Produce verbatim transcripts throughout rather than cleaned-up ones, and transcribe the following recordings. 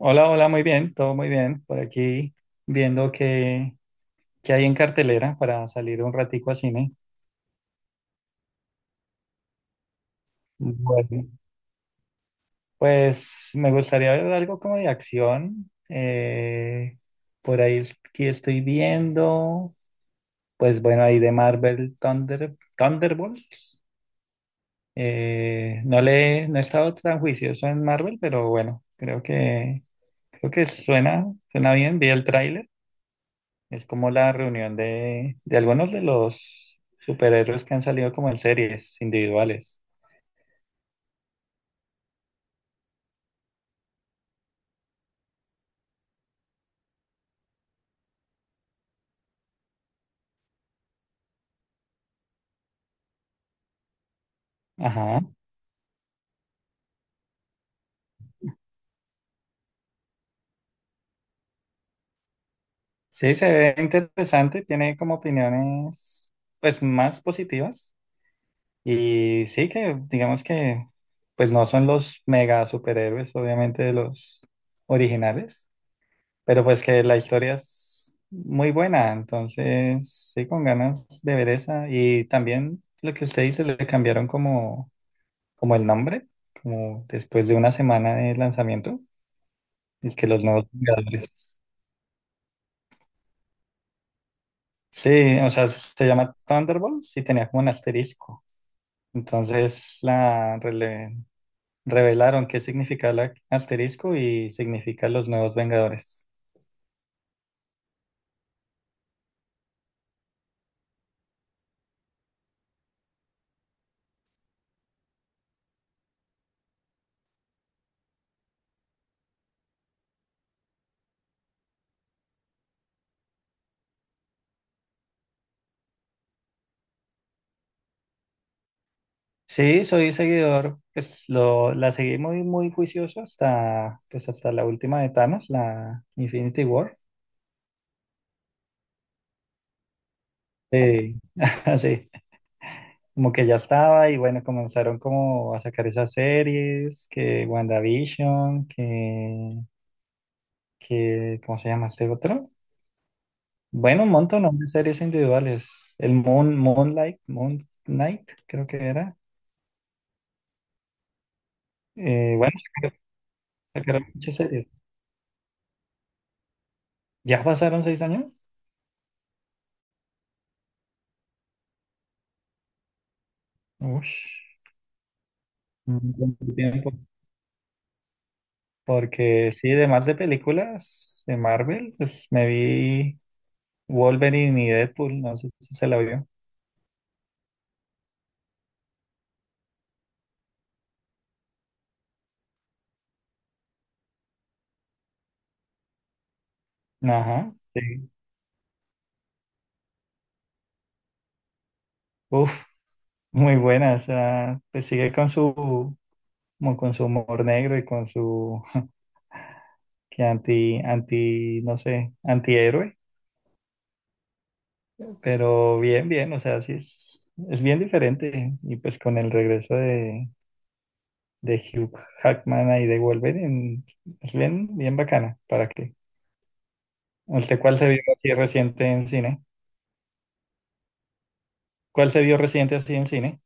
Hola, hola, muy bien, todo muy bien. Por aquí viendo qué, qué hay en cartelera para salir un ratico a cine. Bueno, pues me gustaría ver algo como de acción. Eh, por ahí aquí estoy viendo, pues bueno, ahí de Marvel Thunder, Thunderbolts. Eh, no le, no he estado tan juicioso en Marvel, pero bueno, creo que, creo que suena, suena bien. Vi el tráiler. Es como la reunión de, de algunos de los superhéroes que han salido como en series individuales. Ajá. Sí, se ve interesante, tiene como opiniones pues más positivas y sí que digamos que pues no son los mega superhéroes obviamente de los originales, pero pues que la historia es muy buena, entonces sí con ganas de ver esa y también lo que usted dice le cambiaron como como el nombre, como después de una semana de lanzamiento, es que los nuevos Vengadores. Sí, o sea, se llama Thunderbolts y tenía como un asterisco. Entonces la rele- revelaron qué significa el asterisco y significa los nuevos Vengadores. Sí, soy seguidor, pues lo, la seguí muy, muy juicioso hasta, pues hasta la última de Thanos, la Infinity War. Sí, sí, como que ya estaba y bueno, comenzaron como a sacar esas series, que WandaVision, que, que ¿cómo se llama este otro? Bueno, un montón ¿no? de series individuales. El Moon, Moonlight, Moon Knight, creo que era. Eh, bueno, sí, sacaron muchas series. ¿Ya pasaron seis años? Ush, un buen tiempo. Porque sí, de más de películas de Marvel, pues me vi Wolverine y Deadpool, no sé si se la vio. Ajá, sí. Uf. Muy buena, o sea, pues sigue con su, como con su humor negro y con su que anti, anti, no sé, antihéroe, pero bien, bien, o sea, sí es, es bien diferente. Y pues con el regreso de, de Hugh Jackman ahí de Wolverine, es bien, bien bacana. ¿Para qué? ¿Usted cuál se vio así reciente en cine? ¿Cuál se vio reciente así en cine?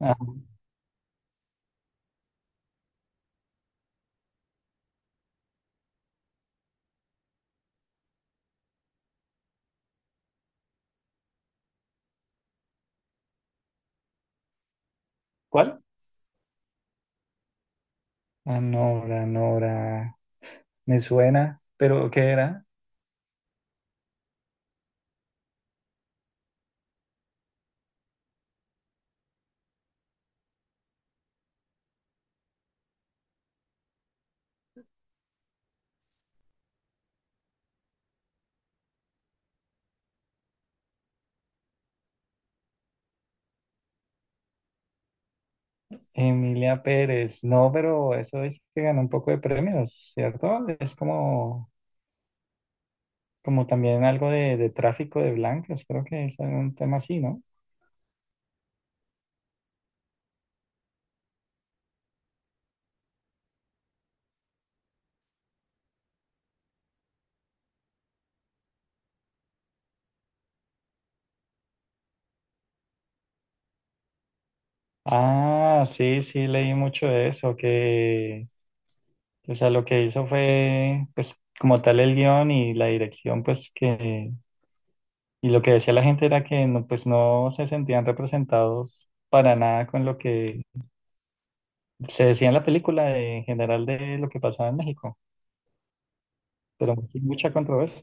Ah, ¿cuál? Anora, Nora, me suena, pero ¿qué era? Emilia Pérez, no, pero eso es que ganó un poco de premios, ¿cierto? Es como, como también algo de, de tráfico de blancas, creo que es un tema así, ¿no? Ah, sí, sí, leí mucho de eso, que, o sea, lo que hizo fue, pues, como tal el guión y la dirección, pues, que, y lo que decía la gente era que, no, pues, no se sentían representados para nada con lo que se decía en la película, de- en general, de lo que pasaba en México, pero mucha controversia.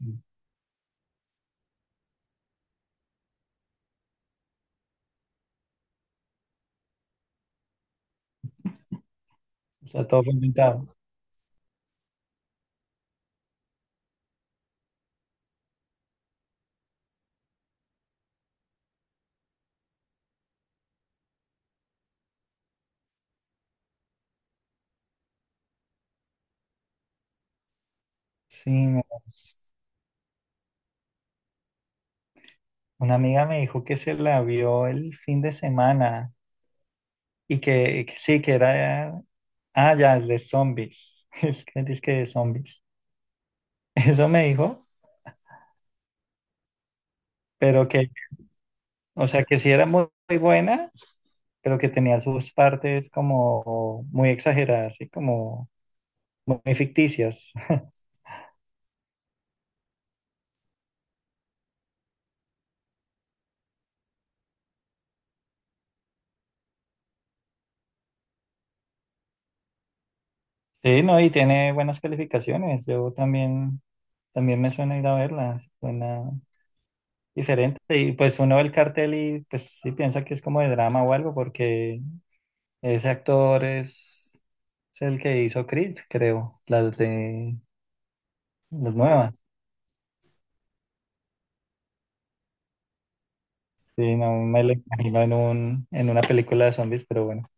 Está todo complicado. Sí, me- una amiga me dijo que se la vio el fin de semana y que, que sí, que era... Ah, ya, el de zombies. Es que dice que de zombies. Eso me dijo, pero que, o sea, que sí era muy, muy buena, pero que tenía sus partes como muy exageradas y como muy ficticias. Sí, no, y tiene buenas calificaciones. Yo también, también me suena ir a verla. Suena diferente. Y pues uno ve el cartel y pues sí piensa que es como de drama o algo, porque ese actor es, es el que hizo Creed, creo, las de las nuevas. Sí, no me lo imagino en un, en una película de zombies, pero bueno.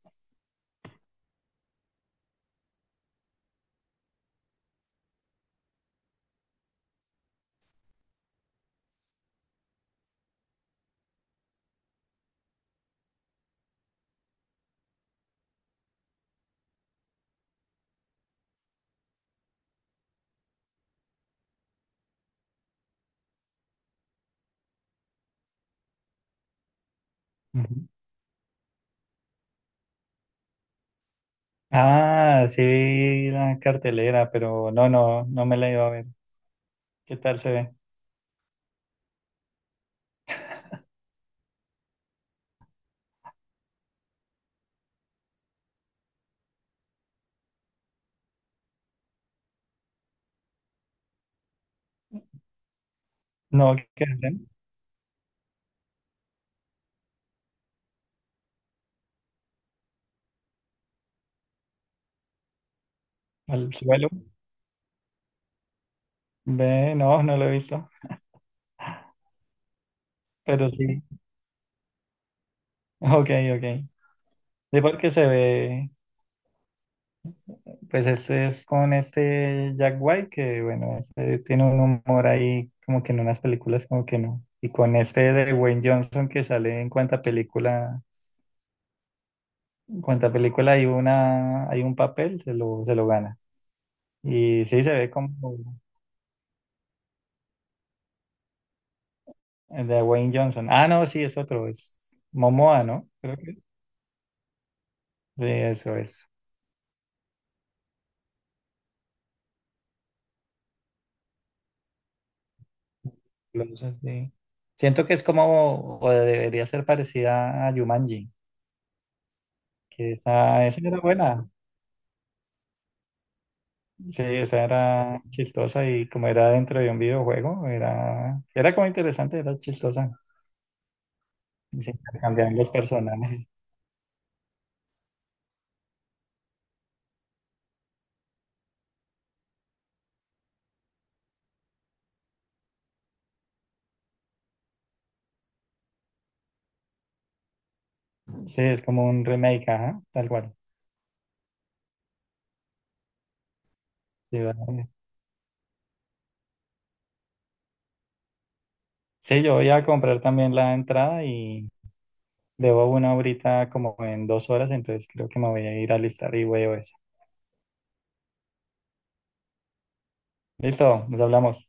Ujú. Ah, sí, vi la cartelera, pero no, no, no me la iba a ver. ¿Qué tal se ve? No, ¿qué hacen? ¿Al suelo? Ve, no, no lo he visto, pero sí. Ok, ok. Sí, porque se ve. Pues este es con este Jack White, que bueno, este tiene un humor ahí como que en unas películas como que no. Y con este de Wayne Johnson que sale en cuanta película, en cuanta película hay una, hay un papel, se lo, se lo gana. Y sí se ve como el de Wayne Johnson. Ah, no, sí, es otro, es Momoa, ¿no? Creo que sí, eso es. Los así. Siento que es como, o debería ser parecida a Jumanji, que esa, esa era buena. Sí, esa era chistosa y como era dentro de un videojuego, era, era como interesante, era chistosa. Y se intercambiaban los personajes. Sí, es como un remake, ajá, tal cual. Sí, vale. Sí, yo voy a comprar también la entrada y debo una ahorita como en dos horas, entonces creo que me voy a ir a listar y veo eso. Listo, nos hablamos.